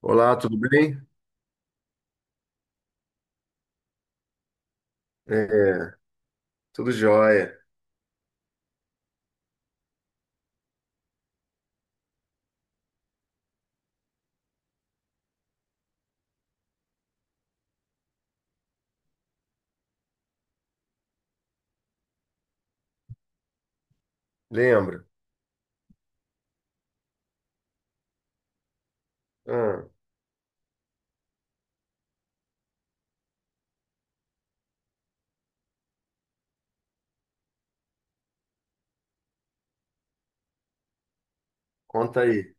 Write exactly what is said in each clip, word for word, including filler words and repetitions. Olá, tudo bem? É, tudo jóia. Lembra? Ah, conta aí.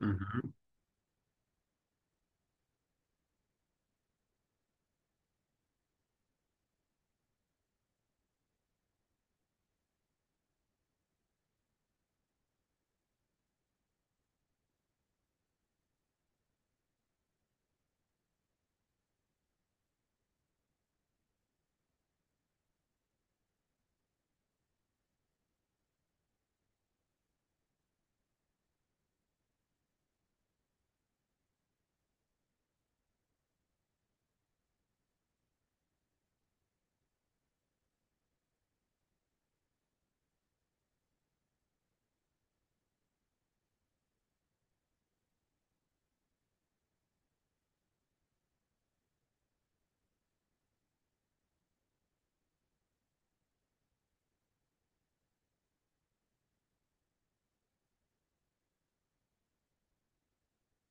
Uhum.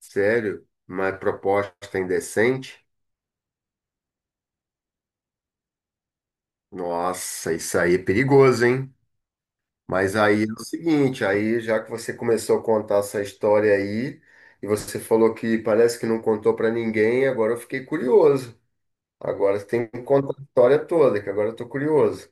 Sério? Uma proposta indecente? Nossa, isso aí é perigoso, hein? Mas aí é o seguinte, aí já que você começou a contar essa história aí, e você falou que parece que não contou pra ninguém, agora eu fiquei curioso. Agora você tem que contar a história toda, que agora eu tô curioso.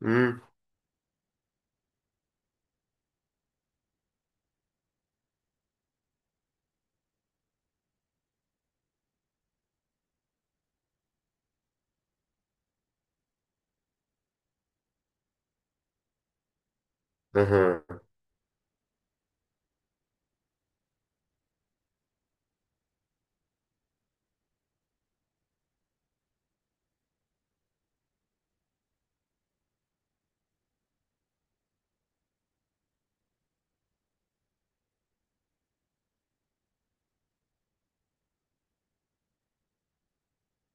Hum, aham,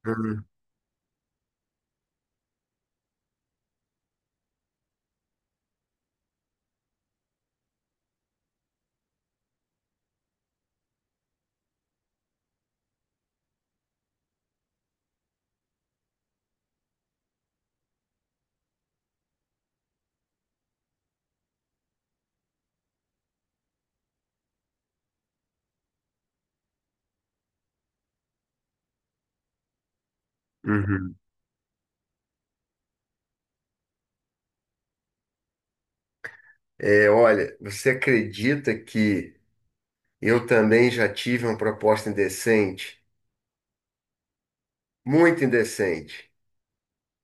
hum, uhum. É, olha, você acredita que eu também já tive uma proposta indecente, muito indecente,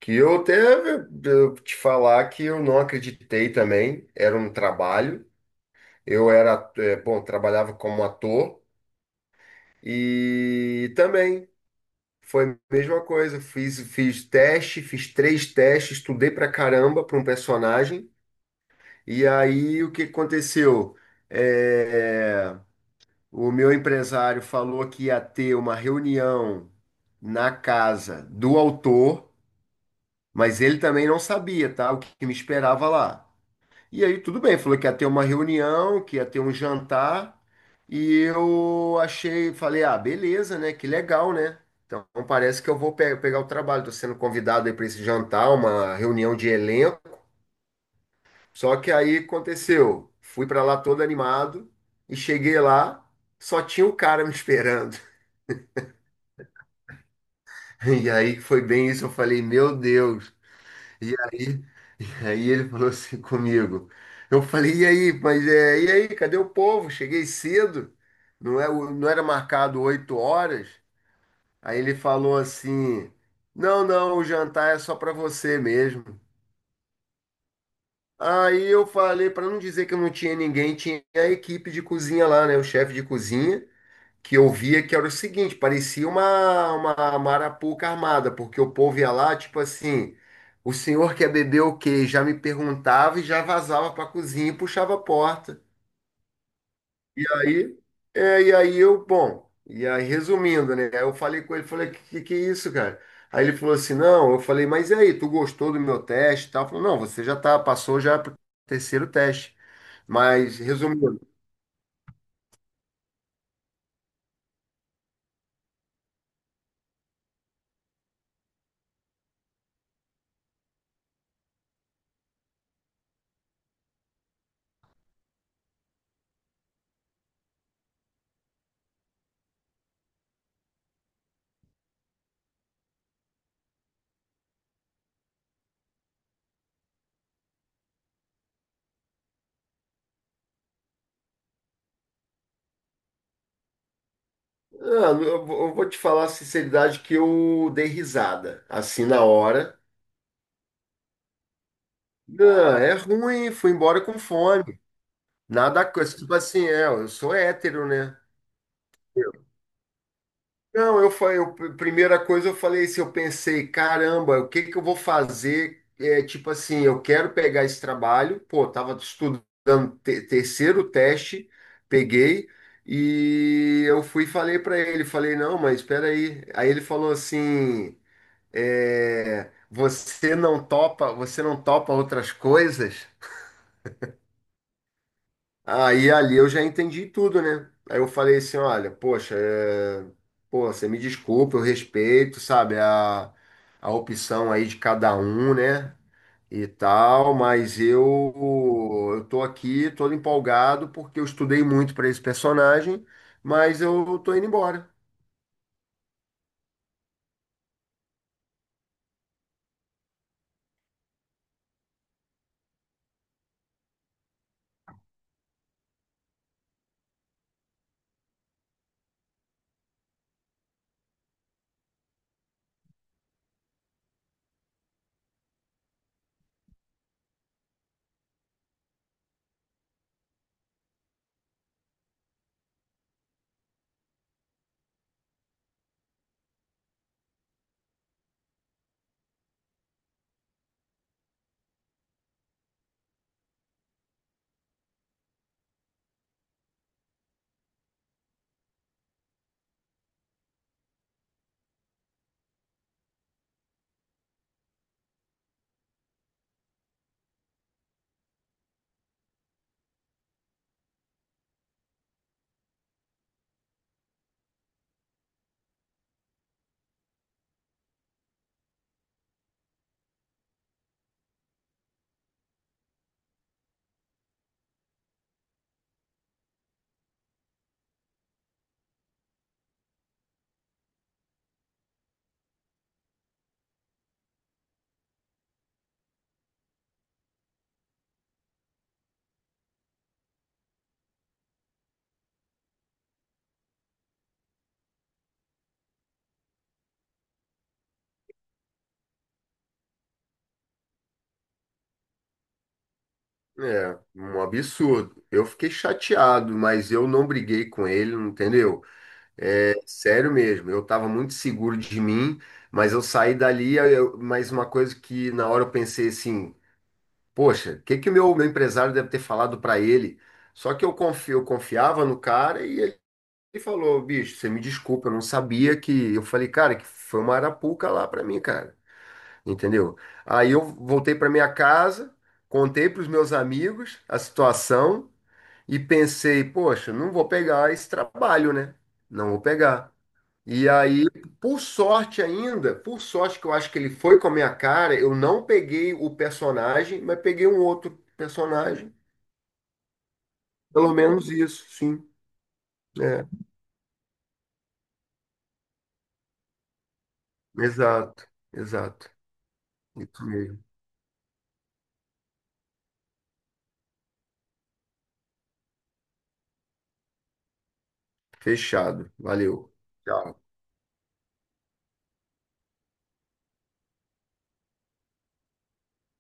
que eu até eu te falar que eu não acreditei também. Era um trabalho. Eu era, eh, bom, trabalhava como ator e também foi a mesma coisa. Fiz, fiz teste, fiz três testes, estudei pra caramba para um personagem. E aí o que aconteceu? É, o meu empresário falou que ia ter uma reunião na casa do autor, mas ele também não sabia, tá? O que que me esperava lá. E aí, tudo bem, falou que ia ter uma reunião, que ia ter um jantar, e eu achei, falei, ah, beleza, né? Que legal, né? Então parece que eu vou pe- pegar o trabalho, tô sendo convidado aí para esse jantar, uma reunião de elenco. Só que aí aconteceu, fui para lá todo animado e cheguei lá, só tinha o cara me esperando. E aí foi bem isso, eu falei, meu Deus. E aí, e aí ele falou assim comigo. Eu falei, e aí, mas é, e aí, cadê o povo? Cheguei cedo, não é, o- não era marcado oito horas. Aí ele falou assim, não, não, o jantar é só para você mesmo. Aí eu falei, para não dizer que eu não tinha ninguém, tinha a equipe de cozinha lá, né? O chefe de cozinha que eu via que era o seguinte, parecia uma, uma marapuca armada, porque o povo ia lá, tipo assim, o senhor quer beber o quê? Já me perguntava e já vazava para a cozinha e puxava a porta. E aí, é, e aí eu, bom, e aí resumindo, né? Eu falei com ele, falei, que que é isso, cara? Aí ele falou assim, não, eu falei, mas e aí, tu gostou do meu teste e tal? Falou, não, você já tá, passou já pro terceiro teste. Mas, resumindo, ah, eu vou eu vou te falar a sinceridade que eu dei risada, assim, na hora. Não, é ruim, fui embora com fome. Nada, co- tipo assim, é, eu sou hétero, né? Não, eu falei, eu- primeira coisa eu falei isso, eu pensei, caramba, o que que eu vou fazer? É, tipo assim, eu quero pegar esse trabalho, pô, tava estudando te- terceiro teste, peguei e eu fui e falei para ele, falei, não, mas espera aí. Aí ele falou assim, é, você não topa, você não topa outras coisas, aí ali eu já entendi tudo, né? Aí eu falei assim, olha, poxa, é, pô, você me desculpa, eu respeito, sabe, a, a opção aí de cada um, né? E tal, mas eu eu tô aqui todo empolgado porque eu estudei muito para esse personagem, mas eu tô indo embora. É, um absurdo. Eu fiquei chateado, mas eu não briguei com ele, entendeu? É sério mesmo, eu estava muito seguro de mim, mas eu saí dali, eu- mas uma coisa que na hora eu pensei assim, poxa, o que que o meu, meu empresário deve ter falado para ele? Só que eu confio, eu confiava no cara e ele falou, bicho, você me desculpa, eu não sabia que... Eu falei, cara, que foi uma arapuca lá para mim, cara, entendeu? Aí eu voltei para minha casa, contei para os meus amigos a situação e pensei, poxa, não vou pegar esse trabalho, né? Não vou pegar. E aí, por sorte ainda, por sorte que eu acho que ele foi com a minha cara, eu não peguei o personagem, mas peguei um outro personagem. Pelo menos isso, sim. É, exato, exato. Isso mesmo. Fechado. Valeu. Tchau.